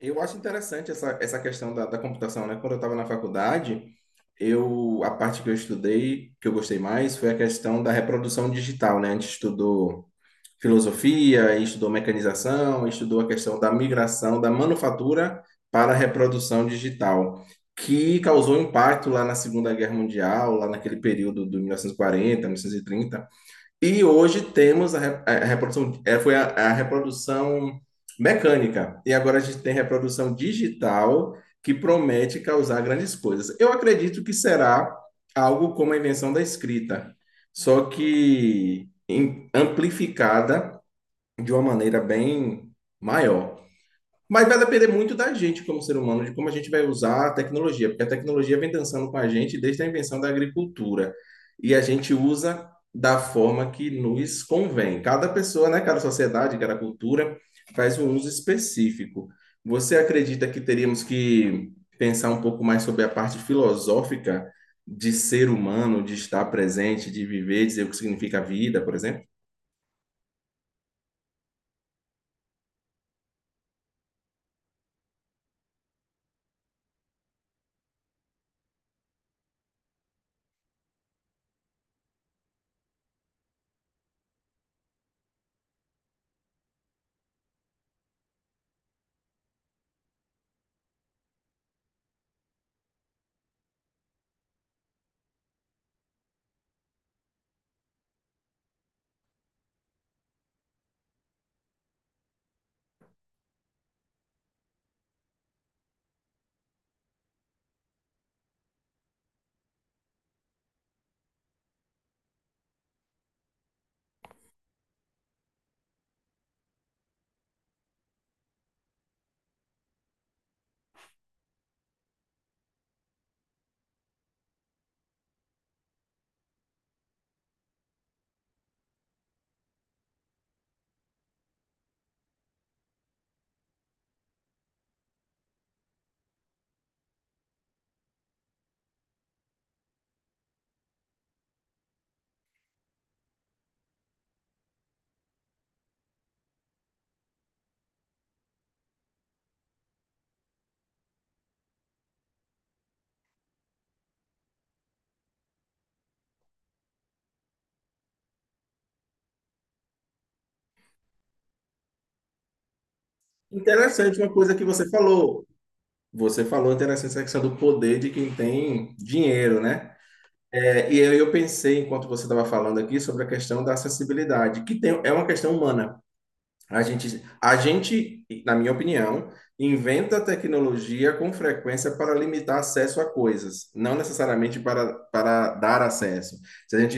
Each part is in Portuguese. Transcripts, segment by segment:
Eu acho interessante essa questão da computação, né? Quando eu estava na faculdade, eu a parte que eu estudei, que eu gostei mais, foi a questão da reprodução digital, né? A gente estudou filosofia, estudou mecanização, estudou a questão da migração da manufatura para a reprodução digital, que causou impacto lá na Segunda Guerra Mundial, lá naquele período do mil novecentos e quarenta, 1930. E hoje temos a reprodução, foi a reprodução mecânica, e agora a gente tem reprodução digital que promete causar grandes coisas. Eu acredito que será algo como a invenção da escrita, só que amplificada de uma maneira bem maior. Mas vai depender muito da gente como ser humano, de como a gente vai usar a tecnologia, porque a tecnologia vem dançando com a gente desde a invenção da agricultura. E a gente usa da forma que nos convém. Cada pessoa, né, cada sociedade, cada cultura faz um uso específico. Você acredita que teríamos que pensar um pouco mais sobre a parte filosófica de ser humano, de estar presente, de viver, dizer o que significa a vida, por exemplo? Interessante uma coisa que você falou. Você falou é interessante essa questão do poder de quem tem dinheiro, né? É, e aí eu pensei, enquanto você estava falando aqui, sobre a questão da acessibilidade, que tem, é uma questão humana. A gente, na minha opinião, inventa tecnologia com frequência para limitar acesso a coisas, não necessariamente para dar acesso. Se a gente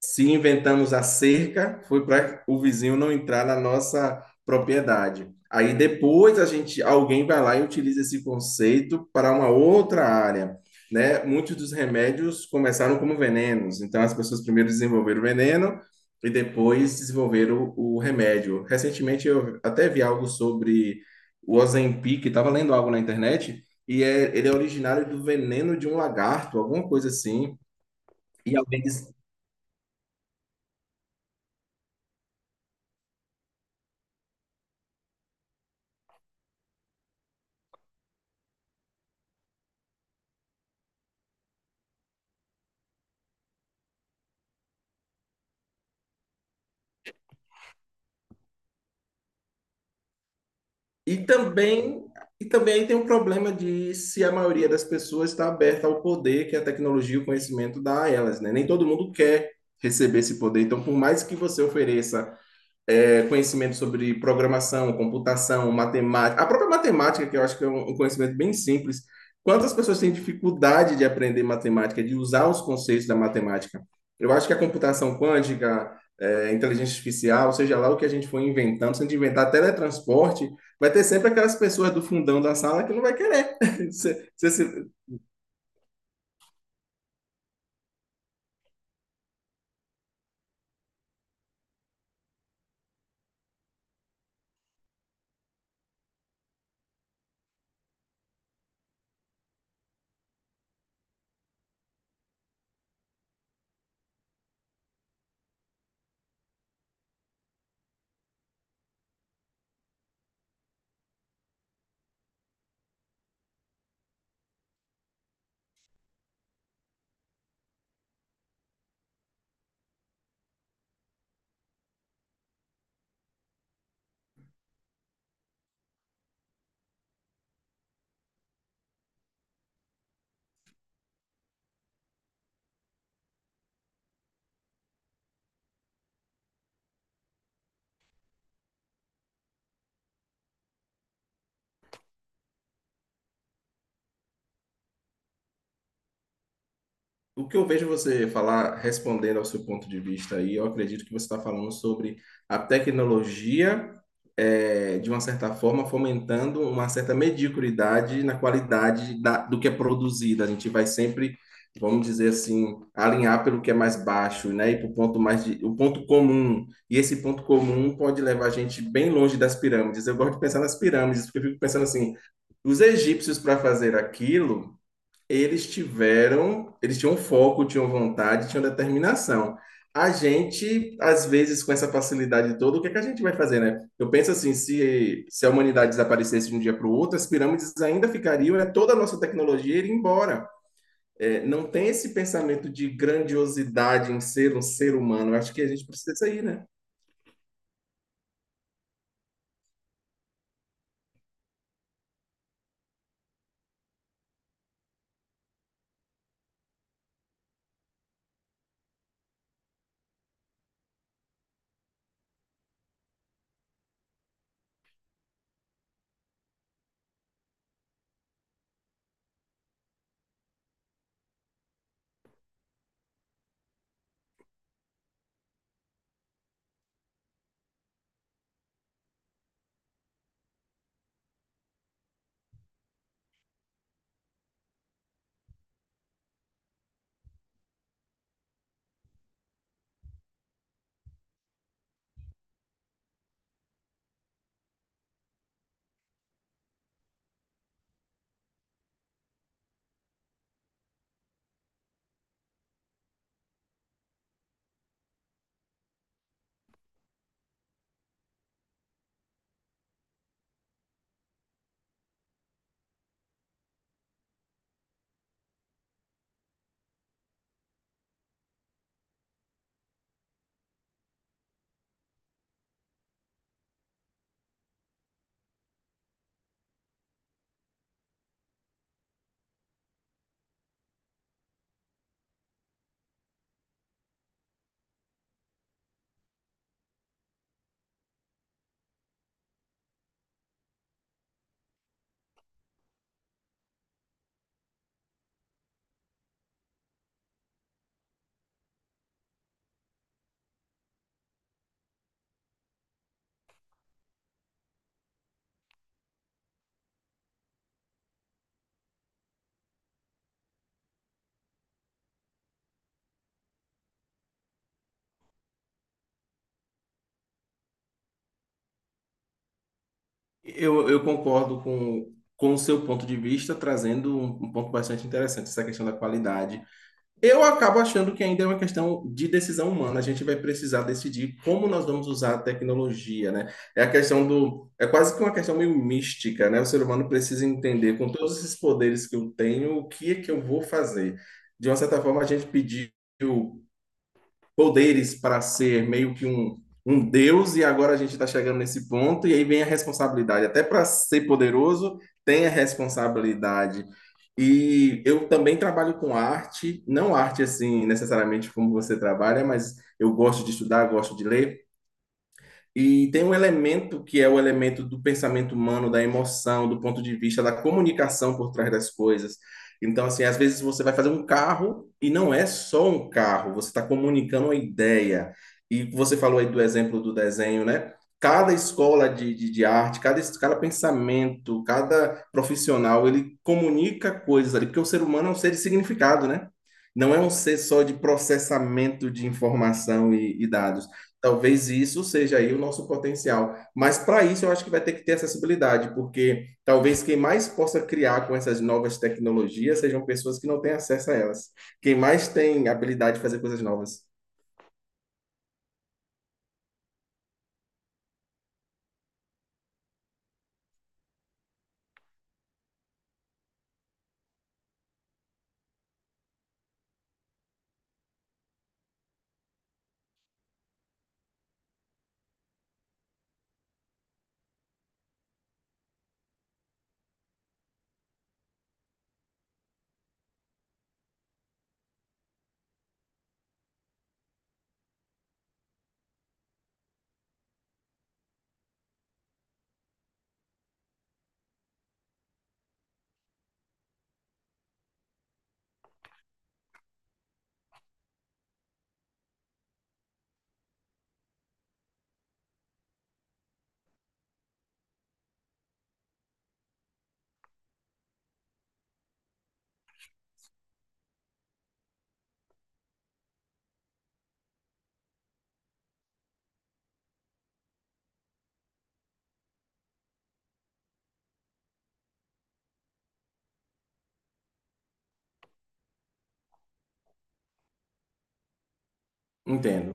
se inventamos a cerca, foi para o vizinho não entrar na nossa propriedade. Aí depois a gente, alguém vai lá e utiliza esse conceito para uma outra área, né? Muitos dos remédios começaram como venenos, então as pessoas primeiro desenvolveram o veneno e depois desenvolveram o remédio. Recentemente eu até vi algo sobre o Ozempic, estava lendo algo na internet e ele é originário do veneno de um lagarto, alguma coisa assim. E alguém, E também, e também aí tem um problema de se a maioria das pessoas está aberta ao poder que a tecnologia e o conhecimento dá a elas, né? Nem todo mundo quer receber esse poder. Então, por mais que você ofereça conhecimento sobre programação, computação, matemática. A própria matemática, que eu acho que é um conhecimento bem simples. Quantas pessoas têm dificuldade de aprender matemática, de usar os conceitos da matemática? Eu acho que a computação quântica, inteligência artificial, seja lá o que a gente for inventando, se a gente inventar teletransporte, vai ter sempre aquelas pessoas do fundão da sala que não vai querer. Se, O que eu vejo você falar, respondendo ao seu ponto de vista aí, eu acredito que você está falando sobre a tecnologia, de uma certa forma, fomentando uma certa mediocridade na qualidade da- do que é produzido. A gente vai sempre, vamos dizer assim, alinhar pelo que é mais baixo, né? E para o ponto mais de, o ponto comum. E esse ponto comum pode levar a gente bem longe das pirâmides. Eu gosto de pensar nas pirâmides, porque eu fico pensando assim, os egípcios para fazer aquilo eles tiveram, eles tinham foco, tinham vontade, tinham determinação. A gente, às vezes, com essa facilidade toda, o que é que a gente vai fazer, né? Eu penso assim, se a humanidade desaparecesse de um dia para o outro, as pirâmides ainda ficariam, né? Toda a nossa tecnologia iria embora. É, não tem esse pensamento de grandiosidade em ser um ser humano. Eu acho que a gente precisa sair, né? Eu concordo com o seu ponto de vista, trazendo um ponto bastante interessante, essa questão da qualidade. Eu acabo achando que ainda é uma questão de decisão humana. A gente vai precisar decidir como nós vamos usar a tecnologia, né? É a questão do, é quase que uma questão meio mística, né? O ser humano precisa entender, com todos esses poderes que eu tenho, o que é que eu vou fazer. De uma certa forma, a gente pediu poderes para ser meio que um deus, e agora a gente está chegando nesse ponto, e aí vem a responsabilidade. Até para ser poderoso, tem a responsabilidade. E eu também trabalho com arte, não arte assim necessariamente como você trabalha, mas eu gosto de estudar, gosto de ler. E tem um elemento que é o elemento do pensamento humano, da emoção, do ponto de vista da comunicação por trás das coisas. Então, assim, às vezes você vai fazer um carro e não é só um carro, você está comunicando uma ideia. E você falou aí do exemplo do desenho, né? Cada escola de arte, cada pensamento, cada profissional, ele comunica coisas ali, porque o ser humano é um ser de significado, né? Não é um ser só de processamento de informação e dados. Talvez isso seja aí o nosso potencial. Mas para isso eu acho que vai ter que ter acessibilidade, porque talvez quem mais possa criar com essas novas tecnologias sejam pessoas que não têm acesso a elas. Quem mais tem habilidade de fazer coisas novas. Entendo.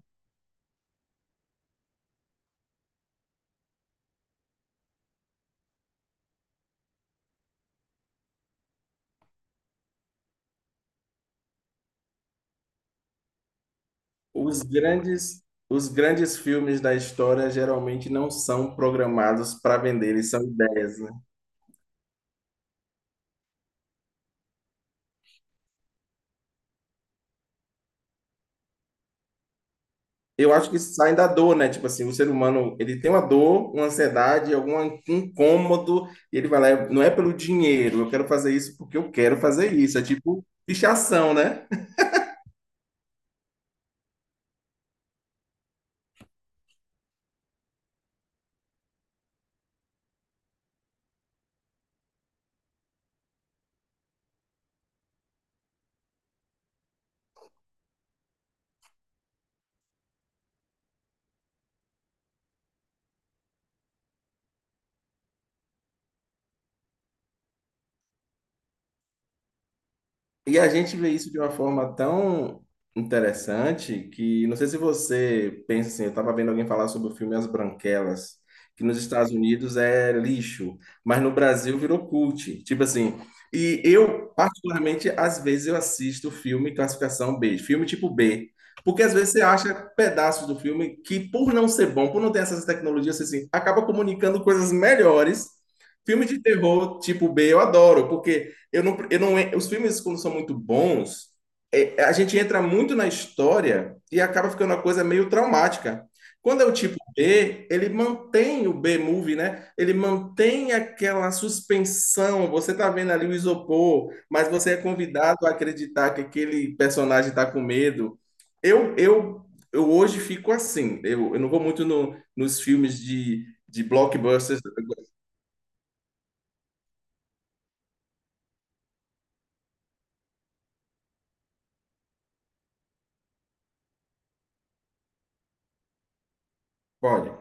Os grandes, os grandes filmes da história geralmente não são programados para vender, eles são ideias, né? Eu acho que saem da dor, né? Tipo assim, o ser humano, ele tem uma dor, uma ansiedade, algum incômodo, e ele vai lá, não é pelo dinheiro, eu quero fazer isso porque eu quero fazer isso. É tipo fichação, né? E a gente vê isso de uma forma tão interessante que não sei se você pensa assim, eu estava vendo alguém falar sobre o filme As Branquelas, que nos Estados Unidos é lixo, mas no Brasil virou cult. Tipo assim, e eu, particularmente, às vezes eu assisto filme classificação B, filme tipo B, porque às vezes você acha pedaços do filme que, por não ser bom, por não ter essas tecnologias, você assim, acaba comunicando coisas melhores. Filme de terror tipo B eu adoro, porque eu não, os filmes, quando são muito bons, a gente entra muito na história e acaba ficando uma coisa meio traumática. Quando é o tipo B, ele mantém o B-movie, né? Ele mantém aquela suspensão. Você tá vendo ali o isopor, mas você é convidado a acreditar que aquele personagem tá com medo. Eu, eu, eu hoje fico assim. Eu não vou muito no, nos filmes de blockbusters. Pode